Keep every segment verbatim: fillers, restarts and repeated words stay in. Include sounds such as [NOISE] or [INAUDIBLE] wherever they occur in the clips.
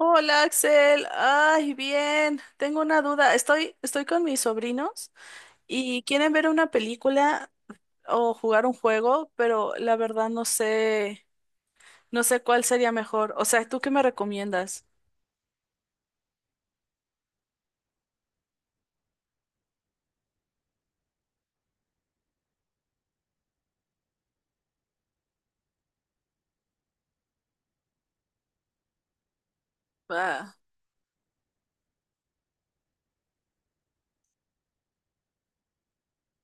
Hola Axel, ay, bien, tengo una duda. Estoy, estoy con mis sobrinos y quieren ver una película o jugar un juego, pero la verdad no sé, no sé cuál sería mejor. O sea, ¿tú qué me recomiendas? Ah.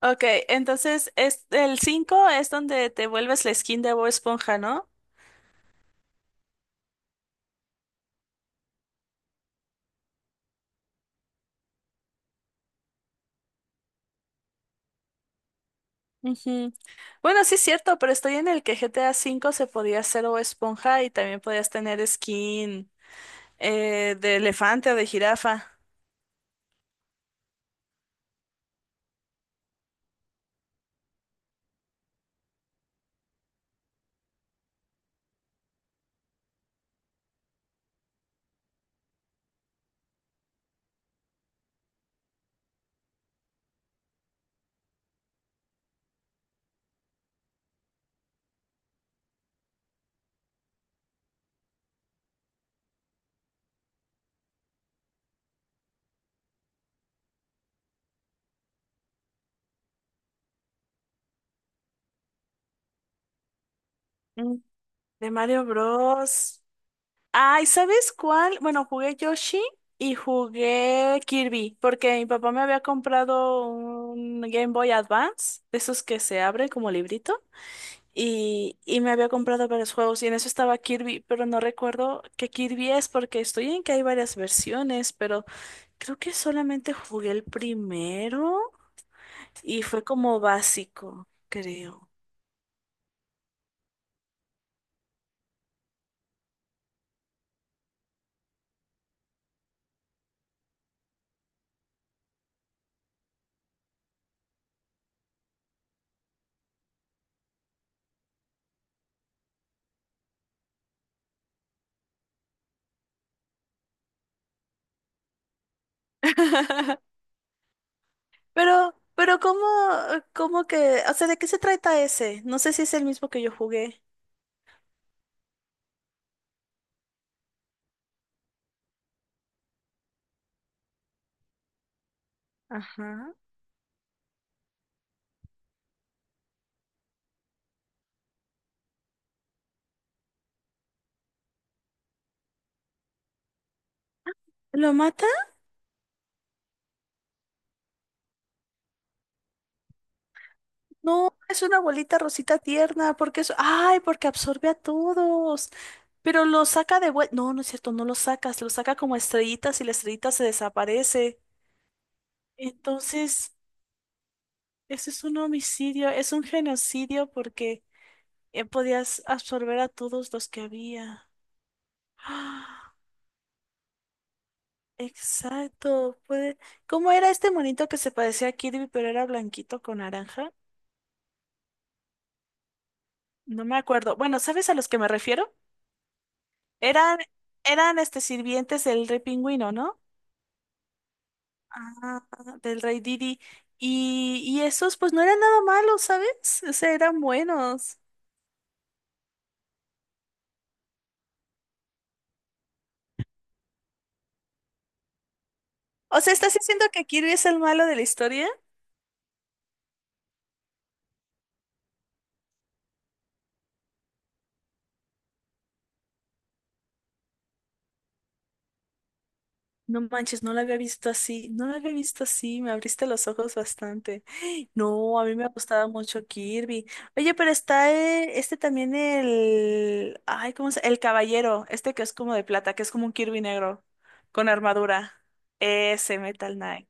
Ok, entonces es, el cinco es donde te vuelves la skin de Bob Esponja, ¿no? Ujú. Bueno, sí es cierto, pero estoy en el que G T A V se podía hacer Bob Esponja y también podías tener skin eh, de elefante o de jirafa. De Mario Bros. Ay, ¿sabes cuál? Bueno, jugué Yoshi y jugué Kirby, porque mi papá me había comprado un Game Boy Advance, de esos que se abren como librito, y, y me había comprado varios juegos, y en eso estaba Kirby, pero no recuerdo qué Kirby es, porque estoy en que hay varias versiones, pero creo que solamente jugué el primero y fue como básico, creo. [LAUGHS] Pero, pero ¿cómo, cómo que, o sea, ¿de qué se trata ese? No sé si es el mismo que yo jugué. Ajá. ¿Lo mata? No, es una bolita rosita tierna, porque es, ay, porque absorbe a todos. Pero lo saca de vuelta. No, no es cierto, no lo sacas, lo saca como estrellitas y la estrellita se desaparece. Entonces, ese es un homicidio, es un genocidio porque eh, podías absorber a todos los que había. [GASPS] Exacto, puede. ¿Cómo era este monito que se parecía a Kirby, pero era blanquito con naranja? No me acuerdo. Bueno, ¿sabes a los que me refiero? Eran, eran este sirvientes del rey pingüino, ¿no? Ah, del rey Didi. Y, y esos, pues no eran nada malos, ¿sabes? O sea, eran buenos. O sea, ¿estás diciendo que Kirby es el malo de la historia? No manches, no la había visto así, no la había visto así, me abriste los ojos bastante. [GASPS] No, a mí me gustaba mucho Kirby. Oye, pero está eh, este también el, ay, ¿cómo se? El caballero, este que es como de plata, que es como un Kirby negro, con armadura. Ese Metal Knight.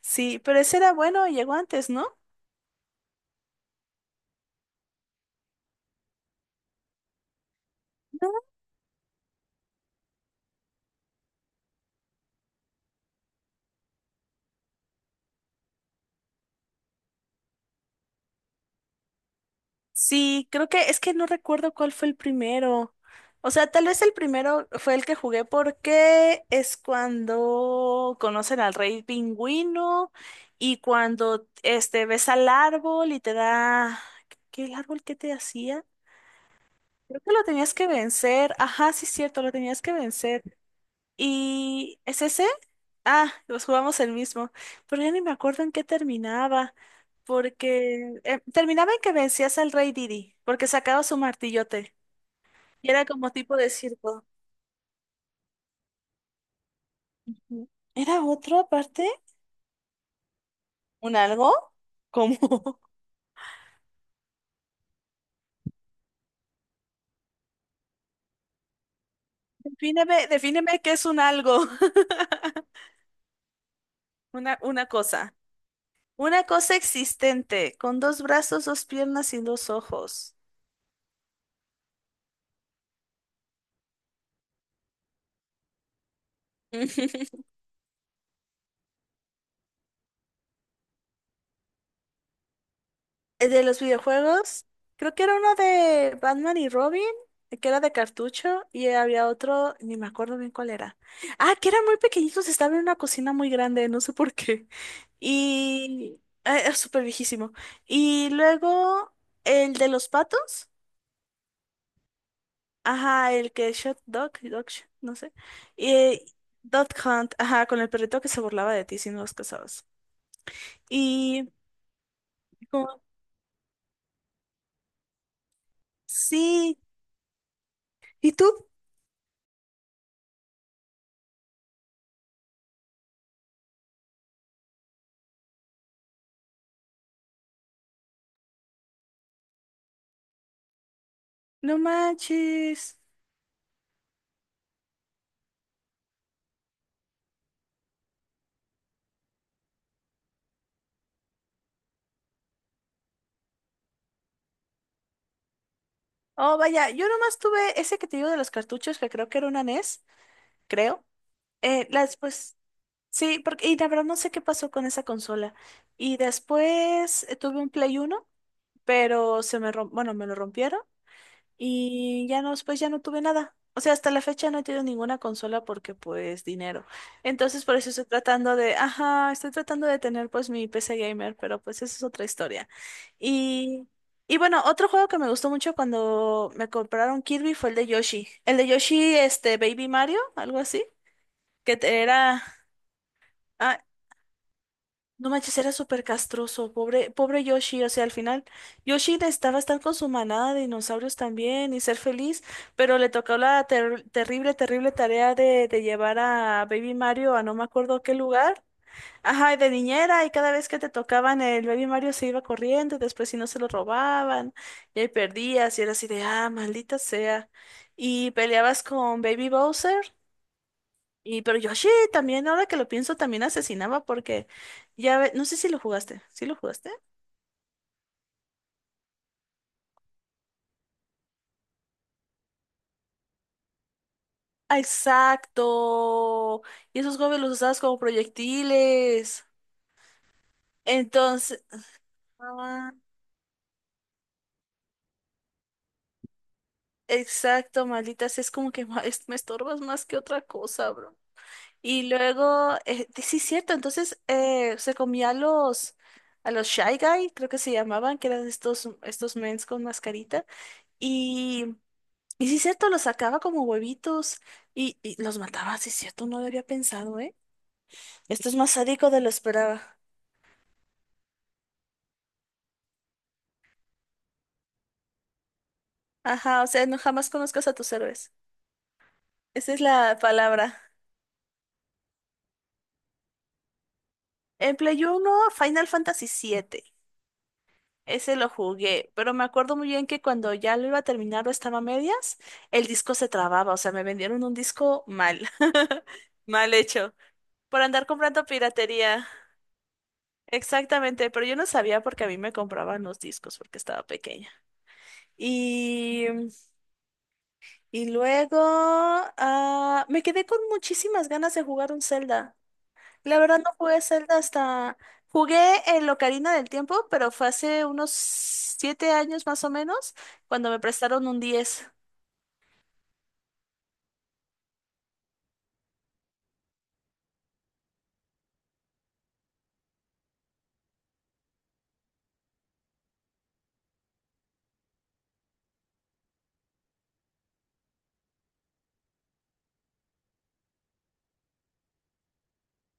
Sí, pero ese era bueno, llegó antes, ¿no? Sí, creo que es que no recuerdo cuál fue el primero. O sea, tal vez el primero fue el que jugué porque es cuando conocen al rey pingüino y cuando este ves al árbol y te da ¿qué el árbol que te hacía? Creo que lo tenías que vencer. Ajá, sí es cierto, lo tenías que vencer. ¿Y es ese? Ah, los jugamos el mismo. Pero ya ni me acuerdo en qué terminaba. Porque eh, terminaba en que vencías al rey Didi, porque sacaba su martillote. Y era como tipo de circo. Ujú. ¿Era otro aparte? ¿Un algo? ¿Cómo? [LAUGHS] Defíneme, defíneme qué es un algo. [LAUGHS] Una, una cosa. Una cosa existente, con dos brazos, dos piernas y dos ojos. [LAUGHS] Eh, De los videojuegos, creo que era uno de Batman y Robin, eh, que era de cartucho, y había otro, ni me acuerdo bien cuál era. Ah, que eran muy pequeñitos, estaba en una cocina muy grande, no sé por qué. Y eh, era súper viejísimo. Y luego el de los patos, ajá, el que Shot Dog, Dog, Sh- no sé. Y Dog Hunt, ajá, con el perrito que se burlaba de ti si no los cazabas. Y como, sí, ¿y tú? No manches. Oh, vaya, yo nomás tuve ese que te digo de los cartuchos, que creo que era una NES, creo. Eh, la después, sí, porque, y la verdad no sé qué pasó con esa consola. Y después eh, tuve un Play uno pero se me romp, bueno, me lo rompieron. Y ya no, pues ya no tuve nada. O sea, hasta la fecha no he tenido ninguna consola porque pues dinero. Entonces por eso estoy tratando de, ajá, estoy tratando de tener pues mi P C gamer, pero pues eso es otra historia. Y, y bueno, otro juego que me gustó mucho cuando me compraron Kirby fue el de Yoshi. El de Yoshi, este, Baby Mario, algo así, que te- era, ah, no manches, era súper castroso, pobre, pobre Yoshi. O sea, al final, Yoshi necesitaba estar con su manada de dinosaurios también y ser feliz, pero le tocó la ter- terrible, terrible tarea de, de llevar a Baby Mario a no me acuerdo qué lugar. Ajá, y de niñera, y cada vez que te tocaban el Baby Mario se iba corriendo, y después si no se lo robaban, y ahí perdías, y era así de, ah, maldita sea. Y peleabas con Baby Bowser. Y pero Yoshi también, ahora que lo pienso, también asesinaba porque ya ve- no sé si lo jugaste. ¿Sí lo jugaste? Ah, exacto. Y esos gobles los usabas como proyectiles. Entonces, ah, exacto, malditas, es como que ma- es- me estorbas más que otra cosa, bro. Y luego, eh, sí, cierto, entonces eh, se comía a los, a los, Shy Guy, creo que se llamaban, que eran estos, estos mens con mascarita. y Y sí, cierto, los sacaba como huevitos y, y los mataba, sí, cierto, no lo había pensado, ¿eh? Esto es más sádico de lo esperaba. Ajá, o sea, no jamás conozcas a tus héroes. Esa es la palabra. En Play uno Final Fantasy siete. Ese lo jugué, pero me acuerdo muy bien que cuando ya lo iba a terminar o estaba a medias, el disco se trababa, o sea, me vendieron un disco mal. [LAUGHS] Mal hecho. Por andar comprando piratería. Exactamente, pero yo no sabía porque a mí me compraban los discos porque estaba pequeña. Y, y luego ah, me quedé con muchísimas ganas de jugar un Zelda. La verdad no jugué Zelda hasta. Jugué el Ocarina del Tiempo, pero fue hace unos siete años más o menos, cuando me prestaron un diez.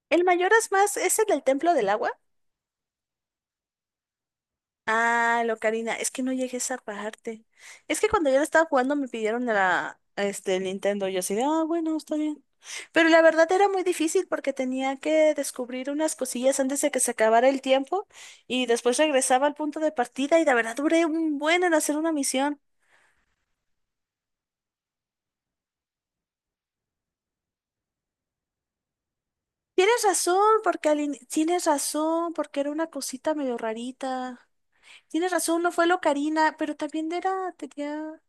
El mayor es más, es el del Templo del Agua. Ah, lo Karina, es que no llegué a esa parte. Es que cuando yo la estaba jugando me pidieron la, este, el Nintendo. Yo así de, ah, bueno, está bien. Pero la verdad era muy difícil porque tenía que descubrir unas cosillas antes de que se acabara el tiempo y después regresaba al punto de partida y la verdad duré un buen en hacer una misión. Tienes razón, porque al in- tienes razón, porque era una cosita medio rarita. Tienes razón, no fue lo Karina, pero también era, tenía.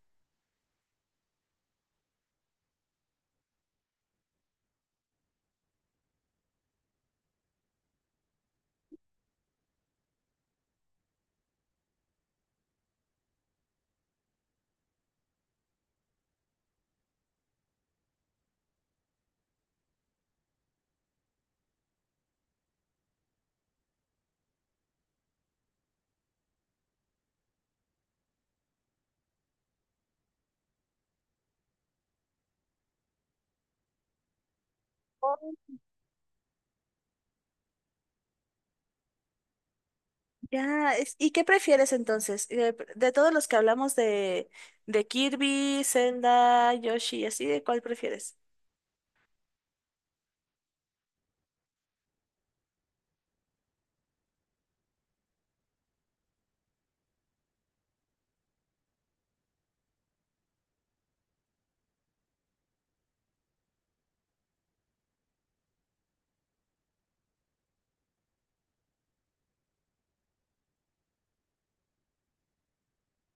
Ya, es- ¿y qué prefieres entonces? Eh, pr- De, todos los que hablamos de, de, Kirby, Zelda, Yoshi, así, ¿de cuál prefieres?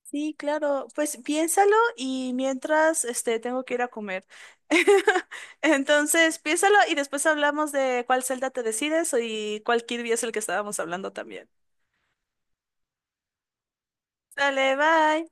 Sí, claro, pues piénsalo y mientras este tengo que ir a comer. [LAUGHS] Entonces, piénsalo y después hablamos de cuál Zelda te decides y cuál Kirby es el que estábamos hablando también. Dale, bye.